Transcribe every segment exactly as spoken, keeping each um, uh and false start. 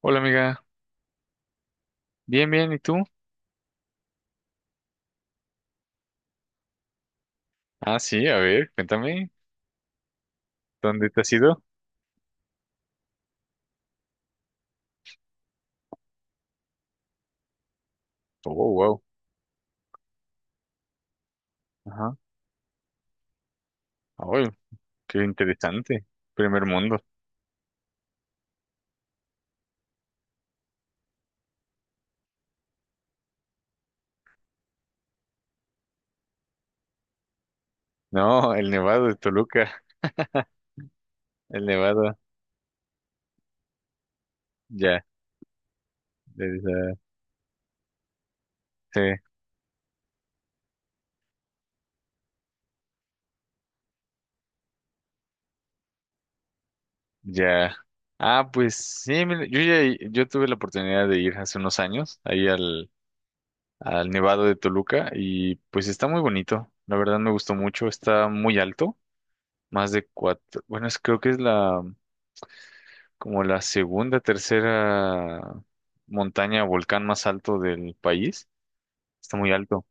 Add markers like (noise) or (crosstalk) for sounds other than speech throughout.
Hola amiga, bien, bien, ¿y tú? Ah, sí, a ver, cuéntame, ¿dónde te has ido? Oh, wow, ajá, oh, qué interesante, primer mundo. No, el Nevado de Toluca, el Nevado, ya, de esa- sí, ya. Ah, pues sí, mira, yo ya, yo tuve la oportunidad de ir hace unos años ahí al, al Nevado de Toluca y pues está muy bonito, la verdad me gustó mucho, está muy alto, más de cuatro, bueno, es- creo que es la como la segunda, tercera montaña, volcán más alto del país. Está muy alto.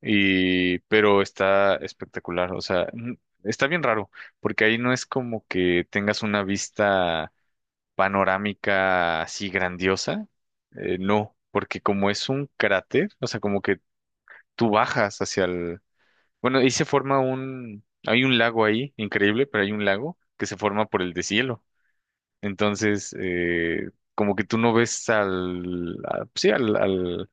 Y, pero está espectacular. O sea, n- está bien raro, porque ahí no es como que tengas una vista panorámica así grandiosa. Eh, no, porque como es un cráter, o sea, como que tú bajas hacia el... Bueno, ahí se forma un... Hay un lago ahí, increíble, pero hay un lago que se forma por el deshielo. Entonces, eh, como que tú no ves al, a- pues sí, al, al,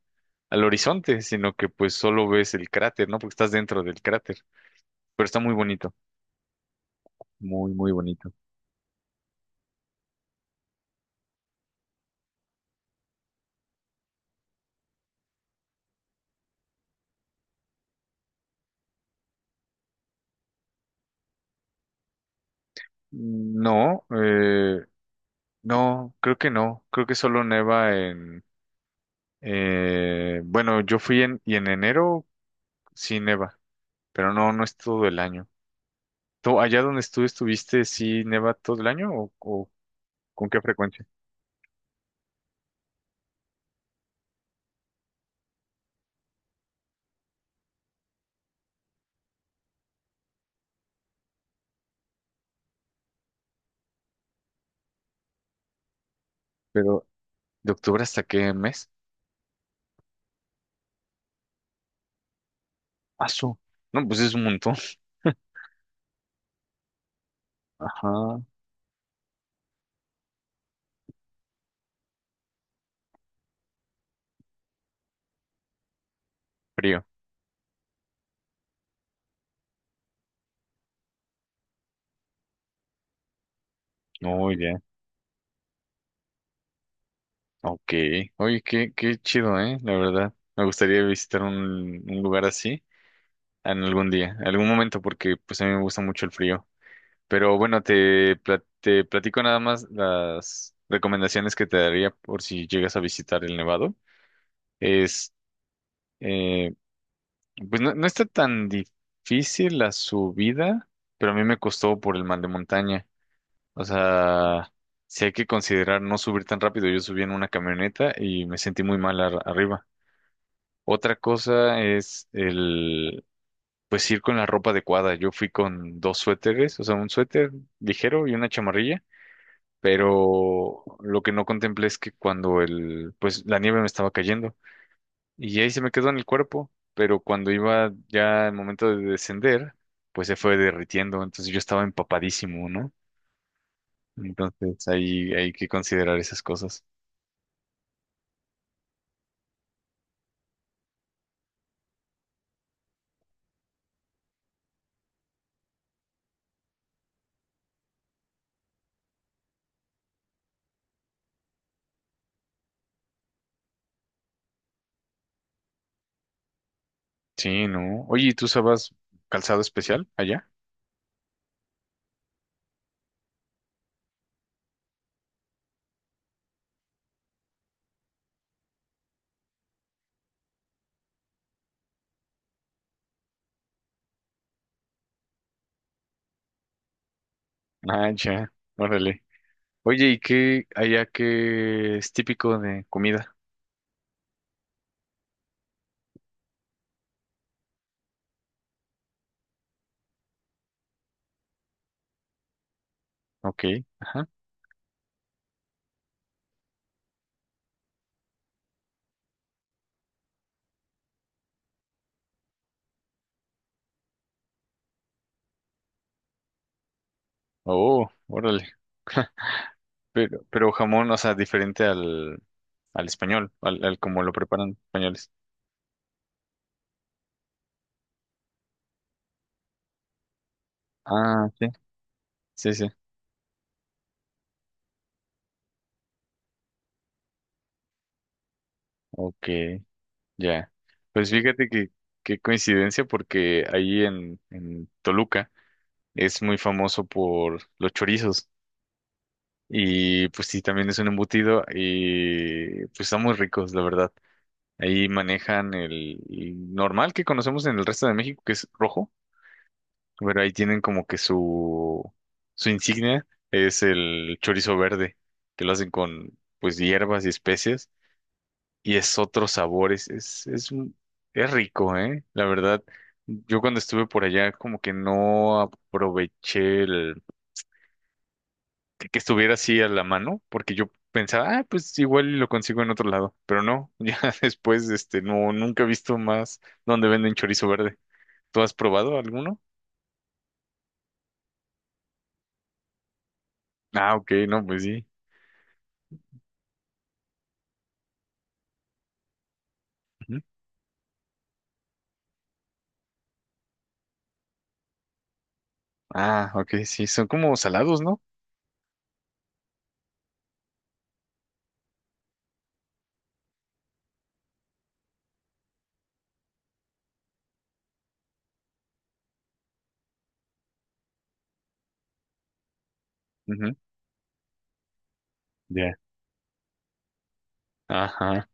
al horizonte, sino que pues solo ves el cráter, ¿no? Porque estás dentro del cráter. Pero está muy bonito, muy, muy bonito. No, eh, no, creo que no. Creo que solo neva en... eh, bueno, yo fui en, y en enero sí neva, pero no, no es todo el año. ¿Tú, allá donde tú estuviste, sí neva todo el año o, o con qué frecuencia? Pero, ¿de octubre hasta qué mes? Paso. No, pues es un montón. Ajá. Frío. Oh, ya. Ok. Oye, qué, qué chido, ¿eh? La verdad. Me gustaría visitar un, un lugar así en algún día, en algún momento, porque pues a mí me gusta mucho el frío. Pero bueno, te, pla- te platico nada más las recomendaciones que te daría por si llegas a visitar el Nevado. Es, eh, pues no, no está tan difícil la subida, pero a mí me costó por el mal de montaña. O sea, sí hay que considerar no subir tan rápido. Yo subí en una camioneta y me sentí muy mal ar- arriba. Otra cosa es el, pues ir con la ropa adecuada. Yo fui con dos suéteres, o sea, un suéter ligero y una chamarrilla, pero lo que no contemplé es que cuando el, pues la nieve me estaba cayendo y ahí se me quedó en el cuerpo, pero cuando iba ya el momento de descender, pues se fue derritiendo, entonces yo estaba empapadísimo, ¿no? Entonces ahí hay que considerar esas cosas. Sí, ¿no? Oye, ¿y tú usabas calzado especial allá? Ah, ya, órale. Oye, ¿y qué allá qué es típico de comida? Ok, ajá. Oh, órale. Pero, pero jamón, o sea, diferente al, al español, al, al como lo preparan los españoles. Ah, sí. Sí, sí. Ok, ya. Pues fíjate que qué coincidencia porque ahí en, en Toluca es muy famoso por los chorizos. Y pues sí, también es un embutido y pues están muy ricos, la verdad. Ahí manejan el, el normal que conocemos en el resto de México, que es rojo, pero ahí tienen como que su, su insignia es el chorizo verde, que lo hacen con pues hierbas y especias y es otro sabor, es, es, es, un- es rico, ¿eh? La verdad, yo cuando estuve por allá como que no aproveché que, que estuviera así a la mano, porque yo pensaba, ah, pues igual y lo consigo en otro lado, pero no, (laughs) ya después, este, no, nunca he visto más donde venden chorizo verde. ¿Tú has probado alguno? Ah, ok, no, pues sí. Ujú. Ah, ok, sí, son como salados, ¿no? Ujú, ya. Ajá,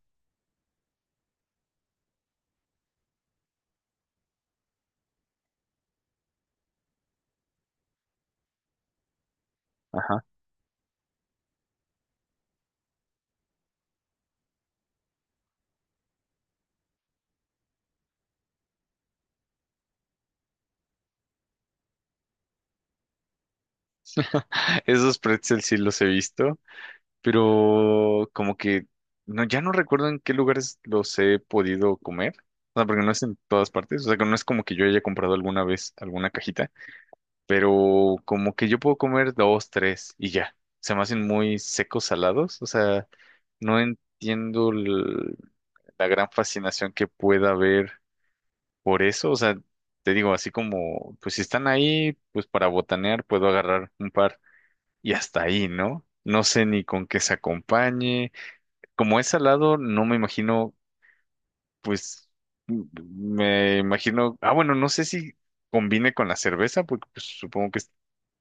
ajá. (laughs) Esos pretzels sí los he visto, pero como que no, ya no recuerdo en qué lugares los he podido comer. O sea, porque no es en todas partes. O sea, que no es como que yo haya comprado alguna vez alguna cajita. Pero como que yo puedo comer dos, tres y ya. Se me hacen muy secos, salados, o sea, no entiendo el- la gran fascinación que pueda haber por eso, o sea, te digo, así como, pues si están ahí, pues para botanear puedo agarrar un par y hasta ahí, ¿no? No sé ni con qué se acompañe. Como es salado, no me imagino pues m- me imagino, ah, bueno, no sé si combine con la cerveza, porque pues, supongo que es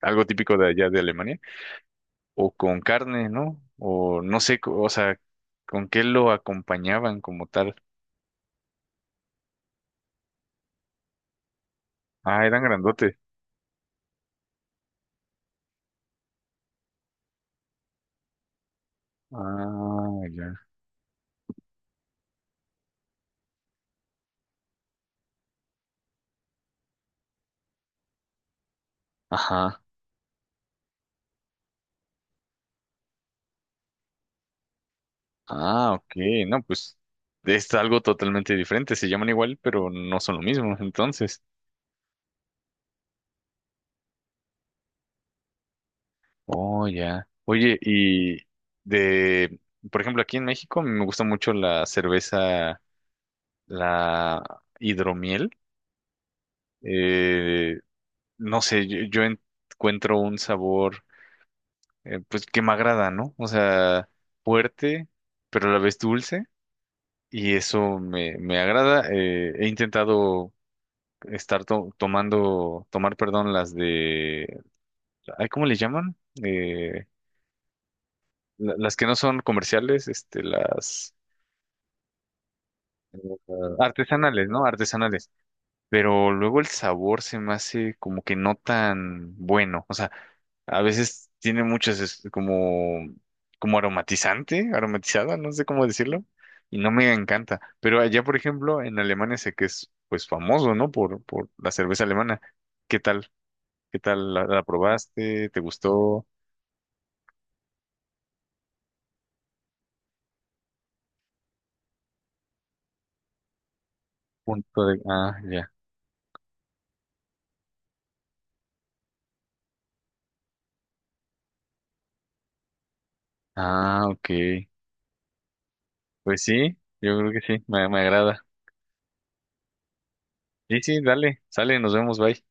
algo típico de allá de Alemania, o con carne, ¿no? O no sé, co- o sea, ¿con qué lo acompañaban como tal? Ah, eran grandotes. Ah, ya. Ajá. Ah, ok. No, pues es algo totalmente diferente. Se llaman igual, pero no son lo mismo, entonces. Oh, ya. Oye, y de, por ejemplo, aquí en México me gusta mucho la cerveza la hidromiel. Eh, no sé, yo, yo encuentro un sabor eh, pues que me agrada, ¿no? O sea, fuerte, pero a la vez dulce y eso me, me agrada. Eh, he intentado estar to- tomando, tomar, perdón, las de, ay, ¿cómo le llaman? Eh, la- las que no son comerciales, este, las eh, artesanales, ¿no? Artesanales. Pero luego el sabor se me hace como que no tan bueno. O sea, a veces tiene muchas es- como, como aromatizante, aromatizada, no sé cómo decirlo, y no me encanta. Pero allá, por ejemplo, en Alemania sé que es pues famoso, ¿no? Por, por la cerveza alemana. ¿Qué tal? ¿Qué tal? ¿La, la probaste? ¿Te gustó? Punto de... Ah, ya. Ah, ok. Pues sí, yo creo que sí, me, me agrada. Sí, sí, dale, sale, nos vemos, bye.